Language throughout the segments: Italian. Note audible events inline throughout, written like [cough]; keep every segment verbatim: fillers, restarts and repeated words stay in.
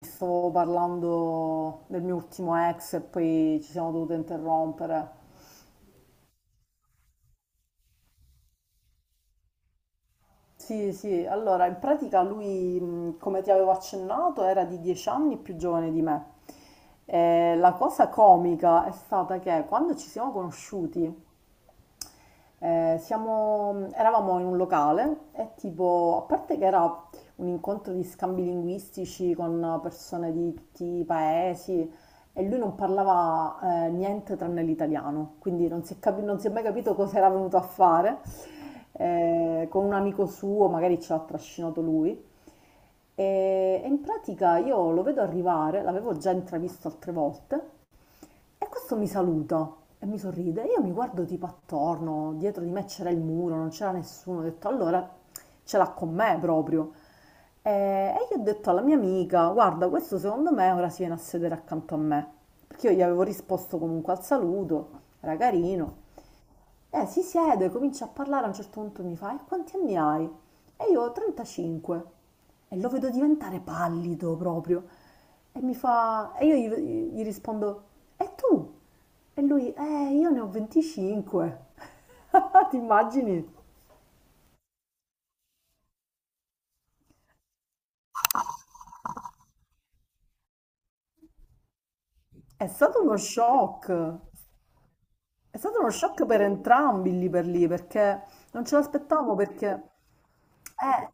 Stavo parlando del mio ultimo ex e poi ci siamo dovuti interrompere. Sì, sì, allora in pratica lui, mh, come ti avevo accennato, era di dieci anni più giovane di me. E la cosa comica è stata che quando ci siamo conosciuti, Eh, siamo- eravamo in un locale e tipo, a parte che era un incontro di scambi linguistici con persone di tutti i paesi e lui non parlava eh, niente tranne l'italiano, quindi non si è capi- non si è mai capito cosa era venuto a fare. Eh, con un amico suo, magari ce l'ha trascinato lui. E, e in pratica io lo vedo arrivare, l'avevo già intravisto altre volte, e questo mi saluta e mi sorride. Io mi guardo tipo attorno, dietro di me c'era il muro, non c'era nessuno. Ho detto, allora ce l'ha con me proprio. E, e io ho detto alla mia amica, guarda, questo secondo me ora si viene a sedere accanto a me. Perché io gli avevo risposto comunque al saluto, era carino. Eh, si siede, comincia a parlare, a un certo punto mi fa: "E quanti anni hai?" E io: "trentacinque". E lo vedo diventare pallido proprio. E mi fa e io gli gli rispondo: "E tu?" E lui: "Eh, io ne ho venticinque." [laughs] Ti immagini? È stato uno shock. È stato uno shock per entrambi lì per lì, perché non ce l'aspettavamo perché eh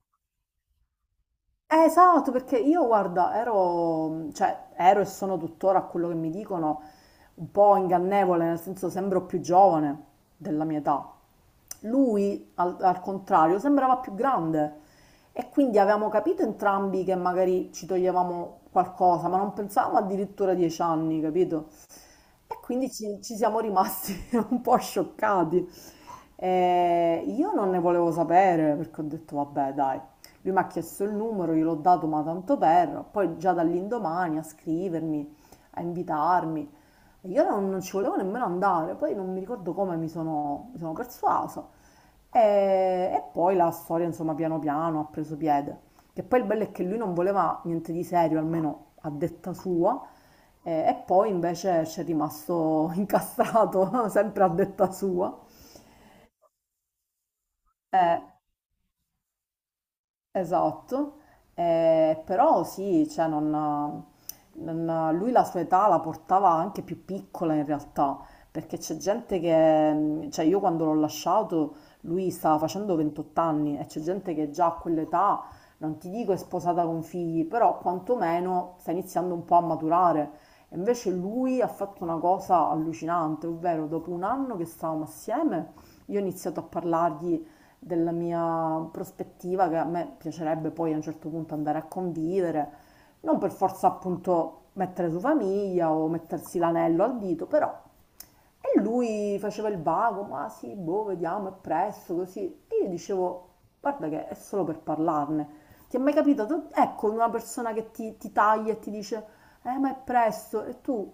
Eh, esatto, perché io guarda, ero, cioè, ero e sono tuttora, a quello che mi dicono, un po' ingannevole, nel senso sembro più giovane della mia età. Lui, al, al contrario, sembrava più grande e quindi avevamo capito entrambi che magari ci toglievamo qualcosa, ma non pensavamo addirittura a dieci anni, capito? E quindi ci, ci siamo rimasti [laughs] un po' scioccati. Eh, io non ne volevo sapere perché ho detto, vabbè, dai. Lui mi ha chiesto il numero, gliel'ho dato ma tanto per, poi già dall'indomani a scrivermi, a invitarmi. E io non, non ci volevo nemmeno andare, poi non mi ricordo come mi sono, mi sono persuasa. E, e poi la storia, insomma, piano piano ha preso piede. Che poi il bello è che lui non voleva niente di serio, almeno a detta sua, e, e poi invece ci è rimasto incastrato, [laughs] sempre a detta sua. Eh, Esatto, eh, però sì, cioè non, non- lui la sua età la portava anche più piccola in realtà, perché c'è gente che, mh, cioè io quando l'ho lasciato lui stava facendo ventotto anni e c'è gente che già a quell'età, non ti dico è sposata con figli, però quantomeno sta iniziando un po' a maturare. E invece lui ha fatto una cosa allucinante, ovvero dopo un anno che stavamo assieme, io ho iniziato a parlargli della mia prospettiva, che a me piacerebbe poi a un certo punto andare a convivere, non per forza appunto mettere su famiglia o mettersi l'anello al dito, però. E lui faceva il vago, ma sì, boh, vediamo, è presto, così. E io dicevo, guarda che è solo per parlarne. Ti è mai capitato? Ecco, una persona che ti, ti taglia e ti dice, eh, ma è presto, e tu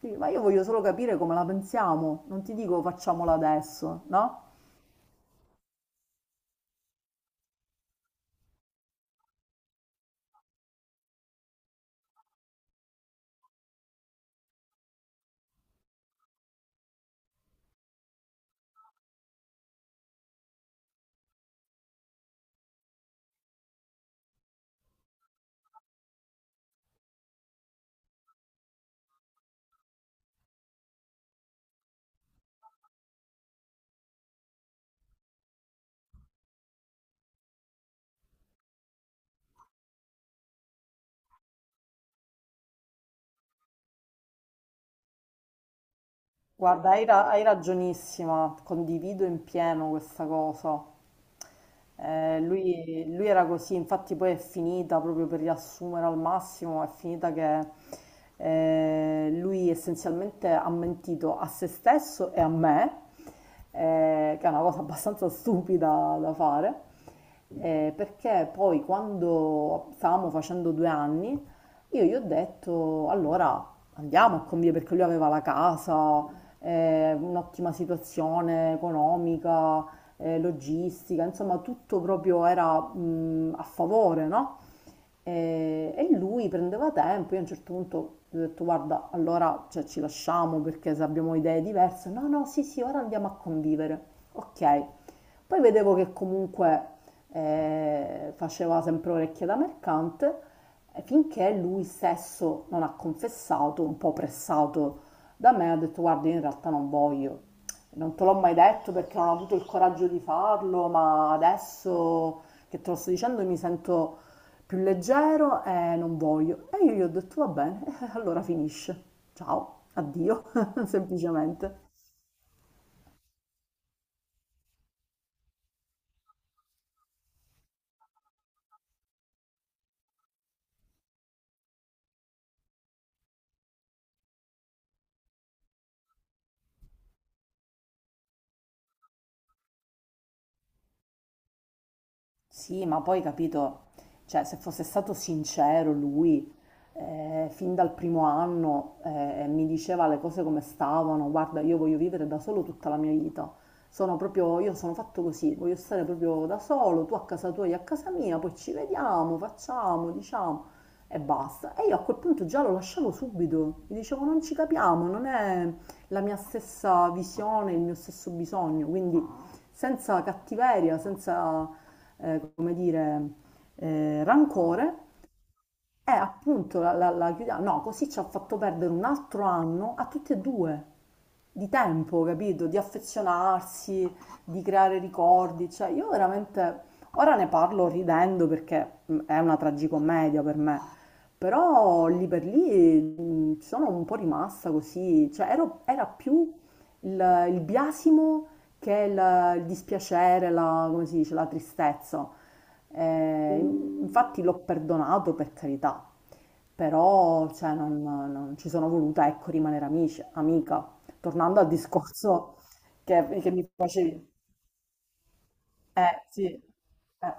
dici, ma io voglio solo capire come la pensiamo, non ti dico facciamola adesso, no? Guarda, hai, ra- hai ragionissima, condivido in pieno questa cosa. Eh, lui, lui era così, infatti poi è finita, proprio per riassumere al massimo, è finita che eh, lui essenzialmente ha mentito a se stesso e a me, eh, che è una cosa [laughs] abbastanza stupida da fare, eh, perché poi quando stavamo facendo due anni, io gli ho detto, allora andiamo a convivere, perché lui aveva la casa, eh, un'ottima situazione economica, eh, logistica, insomma tutto proprio era mh, a favore, no? E, e lui prendeva tempo, io a un certo punto gli ho detto guarda, allora cioè, ci lasciamo perché se abbiamo idee diverse, no, no, sì, sì, ora andiamo a convivere, ok. Poi vedevo che comunque eh, faceva sempre orecchie da mercante, eh, finché lui stesso non ha confessato, un po' pressato da me, ho detto guarda, io in realtà non voglio, non te l'ho mai detto perché non ho avuto il coraggio di farlo, ma adesso che te lo sto dicendo mi sento più leggero e non voglio. E io gli ho detto va bene, [laughs] allora finisce. Ciao, addio, [laughs] semplicemente. Sì, ma poi capito, cioè se fosse stato sincero lui, eh, fin dal primo anno eh, mi diceva le cose come stavano, guarda, io voglio vivere da solo tutta la mia vita. Sono proprio, io sono fatto così, voglio stare proprio da solo, tu a casa tua, io a casa mia, poi ci vediamo, facciamo, diciamo e basta. E io a quel punto già lo lasciavo subito, mi dicevo non ci capiamo, non è la mia stessa visione, il mio stesso bisogno, quindi senza cattiveria, senza eh, come dire, eh, rancore, è appunto la, la, la chiudiamo. No, così ci ha fatto perdere un altro anno a tutti e due di tempo, capito? Di affezionarsi, di creare ricordi. Cioè, io veramente ora ne parlo ridendo perché mh, è una tragicommedia per me. Però lì per lì mh, sono un po' rimasta così, cioè ero- era più il, il biasimo che il, il dispiacere, la, come si dice, la tristezza. Eh, infatti l'ho perdonato per carità, però cioè, non, non ci sono voluta, ecco, rimanere amici, amica. Tornando al discorso che, che mi facevi. Eh, sì, eh,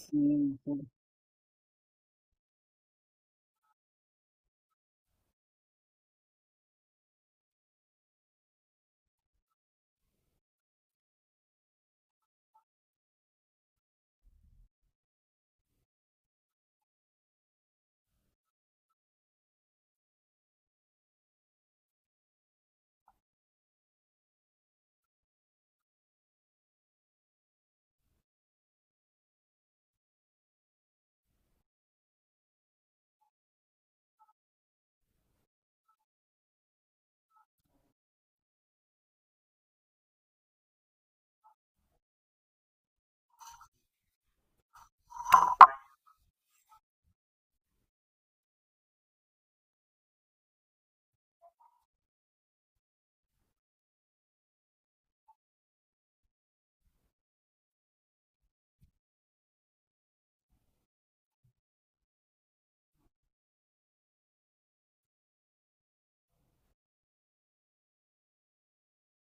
sì. Sì.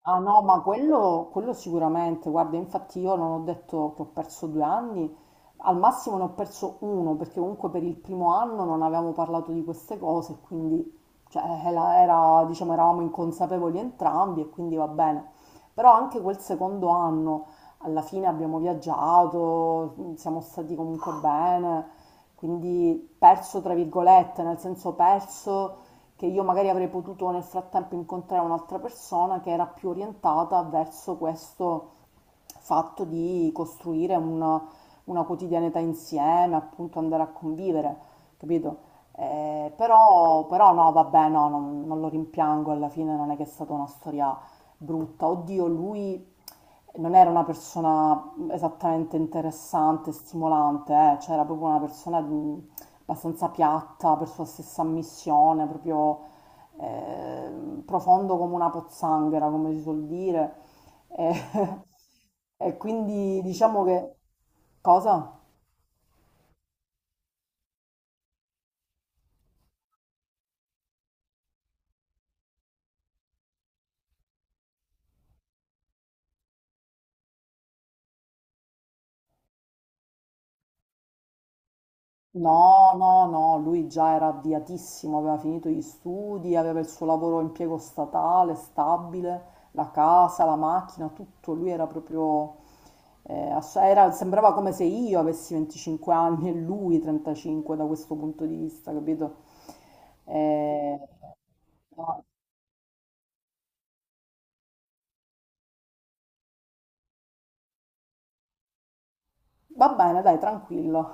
Ah no, ma quello, quello sicuramente, guarda, infatti io non ho detto che ho perso due anni, al massimo ne ho perso uno, perché comunque per il primo anno non avevamo parlato di queste cose, quindi cioè, era, era, diciamo, eravamo inconsapevoli entrambi e quindi va bene. Però anche quel secondo anno, alla fine abbiamo viaggiato, siamo stati comunque bene, quindi perso tra virgolette, nel senso perso che io magari avrei potuto nel frattempo incontrare un'altra persona che era più orientata verso questo fatto di costruire una, una quotidianità insieme, appunto andare a convivere, capito? Eh, però, però no, vabbè, no, non, non lo rimpiango, alla fine non è che è stata una storia brutta. Oddio, lui non era una persona esattamente interessante, stimolante, eh, cioè era proprio una persona di- abbastanza piatta per sua stessa ammissione, proprio eh, profondo come una pozzanghera, come si suol dire. E, [laughs] e quindi diciamo che... Cosa? No, no, no, lui già era avviatissimo, aveva finito gli studi, aveva il suo lavoro a impiego statale, stabile, la casa, la macchina, tutto. Lui era proprio, eh, ass- era- sembrava come se io avessi venticinque anni e lui trentacinque da questo punto di vista, capito? Eh, no. Va bene, dai, tranquillo.